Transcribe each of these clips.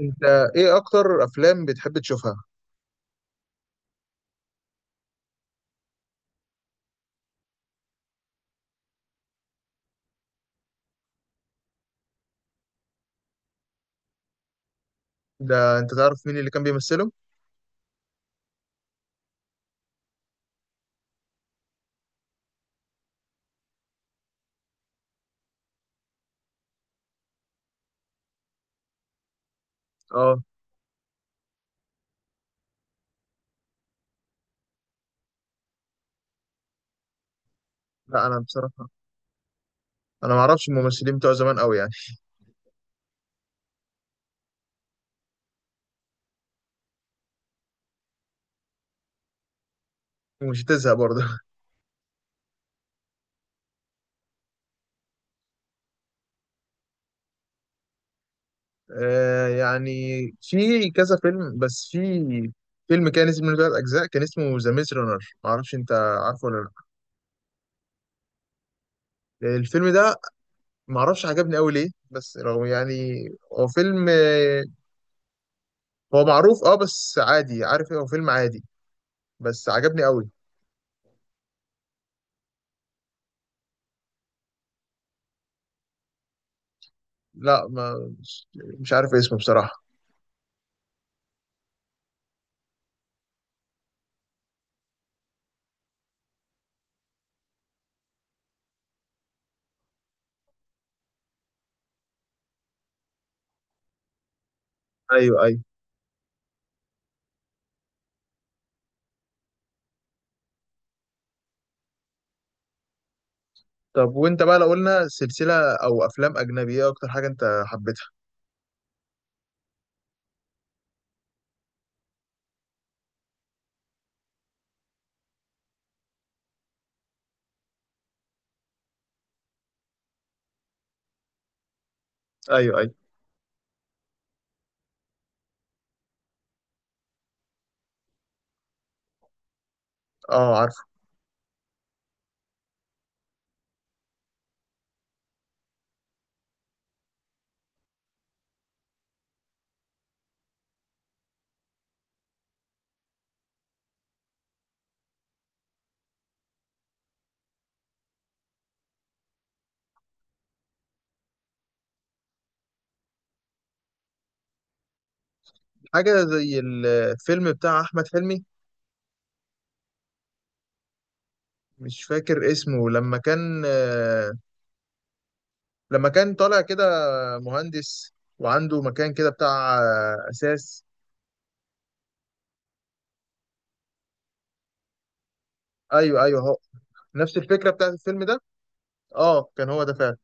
انت، ايه اكتر افلام بتحب تشوفها؟ ده انت تعرف مين اللي كان بيمثله؟ اه. لا، انا بصراحه، انا ما اعرفش الممثلين بتوع زمان قوي يعني. ومش هتزهق برضه؟ يعني في كذا فيلم، بس في فيلم كان اسمه ثلاث اجزاء، كان اسمه ذا ميز رانر، ما اعرفش، انت عارفه ولا لا؟ الفيلم ده، ما اعرفش عجبني قوي ليه، بس رغم يعني هو فيلم هو معروف، بس عادي، عارف، ايه هو فيلم عادي، بس عجبني قوي. لا، ما مش مش عارف اسمه بصراحه. ايوه، ايوه. طب، وانت بقى لو قلنا سلسلة او افلام اجنبية، ايه اكتر حاجة انت حبيتها؟ ايوه، ايوه. اه، عارف. حاجة زي الفيلم بتاع احمد حلمي، مش فاكر اسمه، لما كان لما كان طالع كده مهندس، وعنده مكان كده بتاع اساس. ايوه، ايوه، هو نفس الفكرة بتاعت الفيلم ده. اه، كان هو ده فعلا.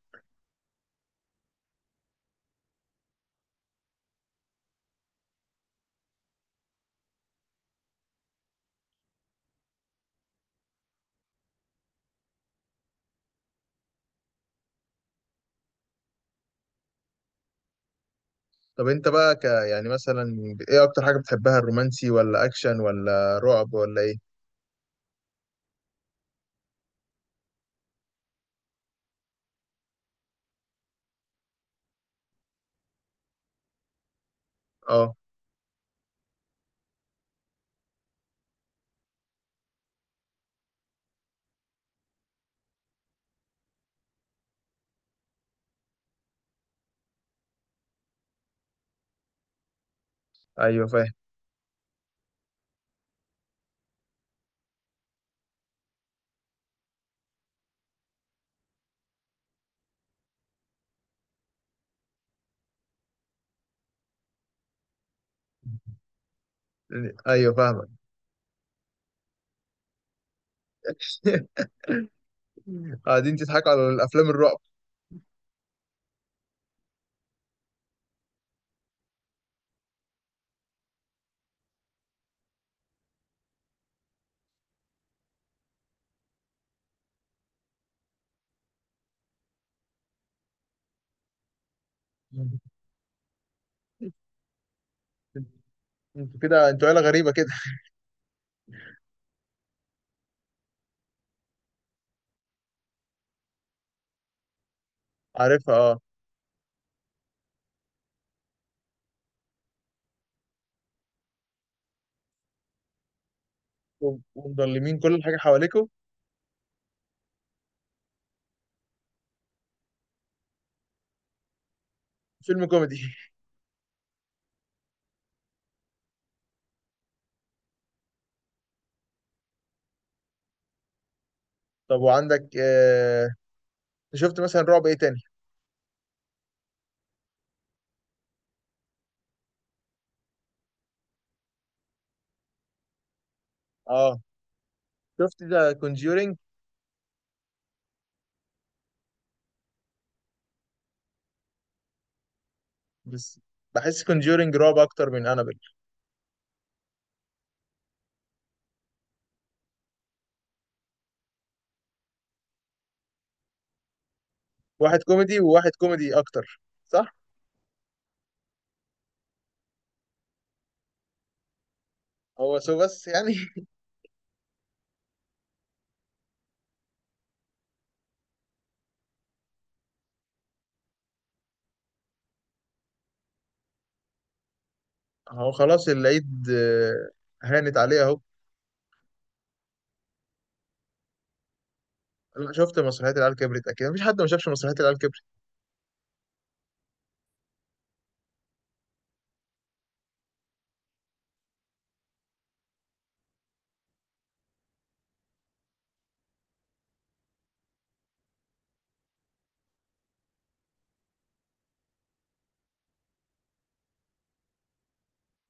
طب، انت بقى يعني مثلا ايه اكتر حاجة بتحبها، الرومانسي ولا اكشن ولا رعب ولا ايه؟ اه. ايوه، فاهم. ايوه، فاهمك. قاعدين تضحكوا على الافلام الرعب؟ انتوا كده، انتوا عيله غريبه كده. عارفها، اه. ومضلمين كل حاجه حواليكم. فيلم كوميدي. طب، وعندك شفت مثلا رعب ايه تاني؟ اه، شفت ده كونجورينج؟ بس بحس كونجورينج رعب اكتر من انابل. واحد كوميدي وواحد كوميدي اكتر، صح. هو سو بس يعني. هو خلاص العيد هانت عليه اهو. لا، شفت مسرحيات العيال كبرت، اكيد مفيش حد ما شافش مسرحيات العيال كبرت.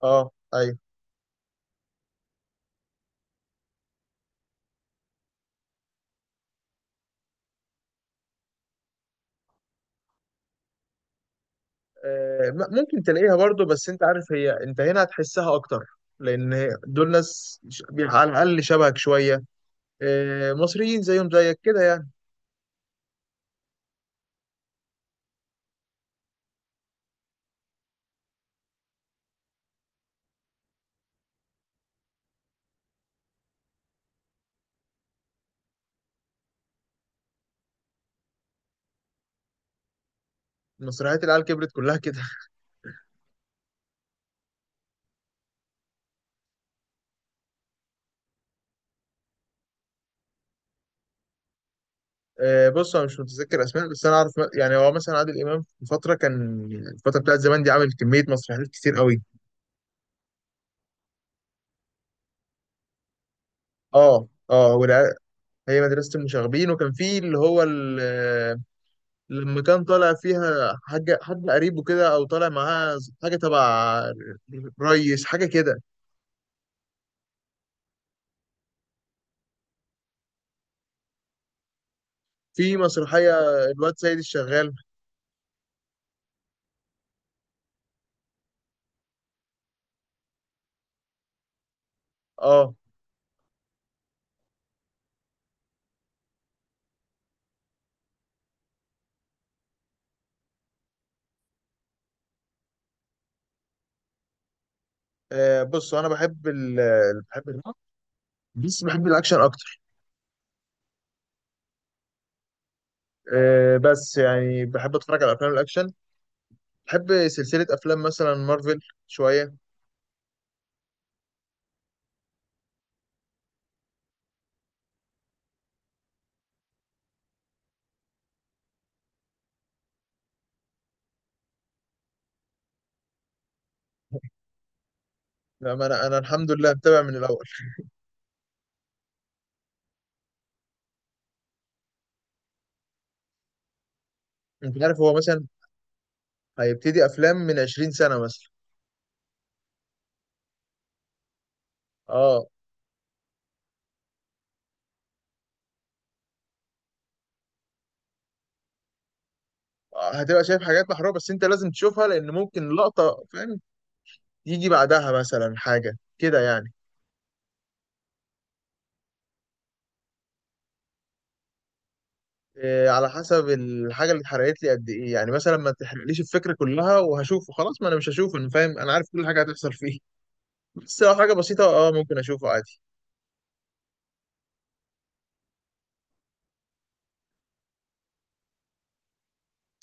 اه، ايوه. ممكن تلاقيها برضو، بس انت عارف، هي انت هنا هتحسها اكتر، لان دول ناس على الاقل شبهك شويه، مصريين زيهم زيك كده يعني. مسرحيات العيال كبرت كلها كده. بص، انا مش متذكر اسماء، بس انا عارف يعني هو مثلا عادل امام في فتره كان، الفتره بتاعت زمان دي، عامل كميه مسرحيات كتير قوي. اه، اه، هي مدرسه المشاغبين، وكان في اللي هو لما كان طالع فيها حاجه، حد قريبه كده او طالع معاه حاجه تبع ريس، حاجه كده. في مسرحية الواد سيد الشغال. اه. بص، انا بحب ال ال- بحب ال- بس بحب الاكشن اكتر. بس يعني بحب اتفرج على افلام الاكشن، بحب سلسلة افلام مثلا مارفل شوية. لا، ما انا الحمد لله متابع من الاول. انت عارف، هو مثلا هيبتدي افلام من 20 سنة مثلا. اه. هتبقى شايف حاجات محروقة، بس انت لازم تشوفها لان ممكن لقطة، فاهم، يجي بعدها مثلا حاجة كده يعني. إيه، على حسب الحاجه اللي اتحرقت لي قد ايه يعني، مثلا ما تحرقليش الفكره كلها وهشوفه، خلاص ما انا مش هشوفه، انا فاهم، انا عارف كل حاجه هتحصل فيه. بس لو حاجه بسيطه اه ممكن اشوفه عادي.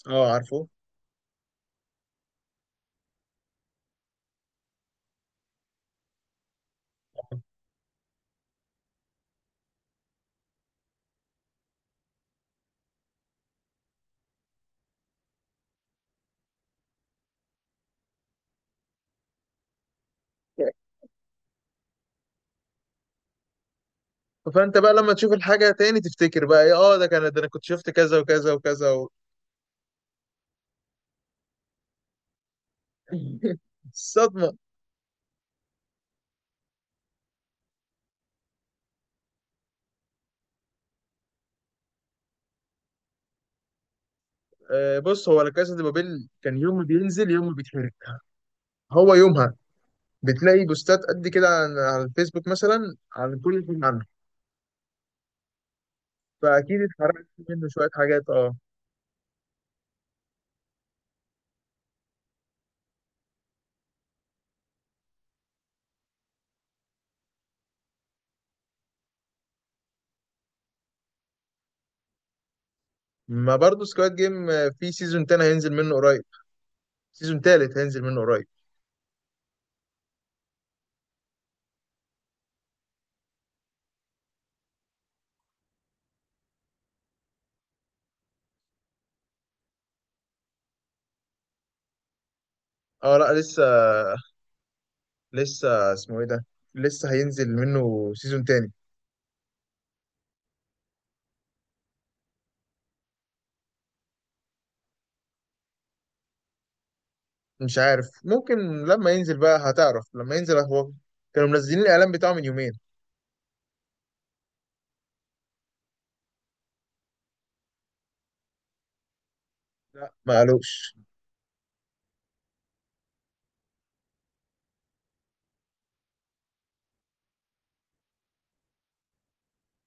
اه، عارفه. فانت بقى لما تشوف الحاجه تاني، تفتكر بقى، ايه اه ده كان، ده انا كنت شفت كذا وكذا وكذا الصدمه. بص، هو لا كاسا دي بابيل كان يوم ما بينزل يوم ما بيتحرق، هو يومها بتلاقي بوستات قد كده على الفيسبوك مثلا عن كل حاجه عنه، فاكيد اتحرقت منه شويه حاجات، اه. ما برضه سكواد جيم، في سيزون تاني هينزل منه قريب، سيزون تالت هينزل منه قريب. اه، لا، لسه. لسه اسمه ايه ده؟ لسه هينزل منه سيزون تاني. مش عارف، ممكن لما ينزل بقى هتعرف، لما ينزل هو، كانوا منزلين الاعلان بتاعه من يومين. لا، ما قالوش.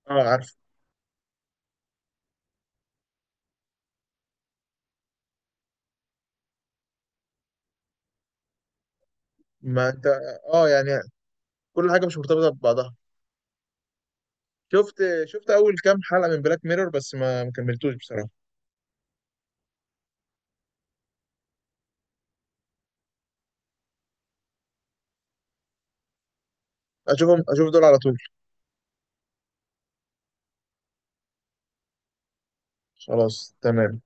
اه، عارف. ما انت، اه يعني كل حاجه مش مرتبطه ببعضها. شفت شفت اول كام حلقه من بلاك ميرور بس ما كملتوش بصراحه. اشوفهم، اشوف دول على طول. خلاص، تمام.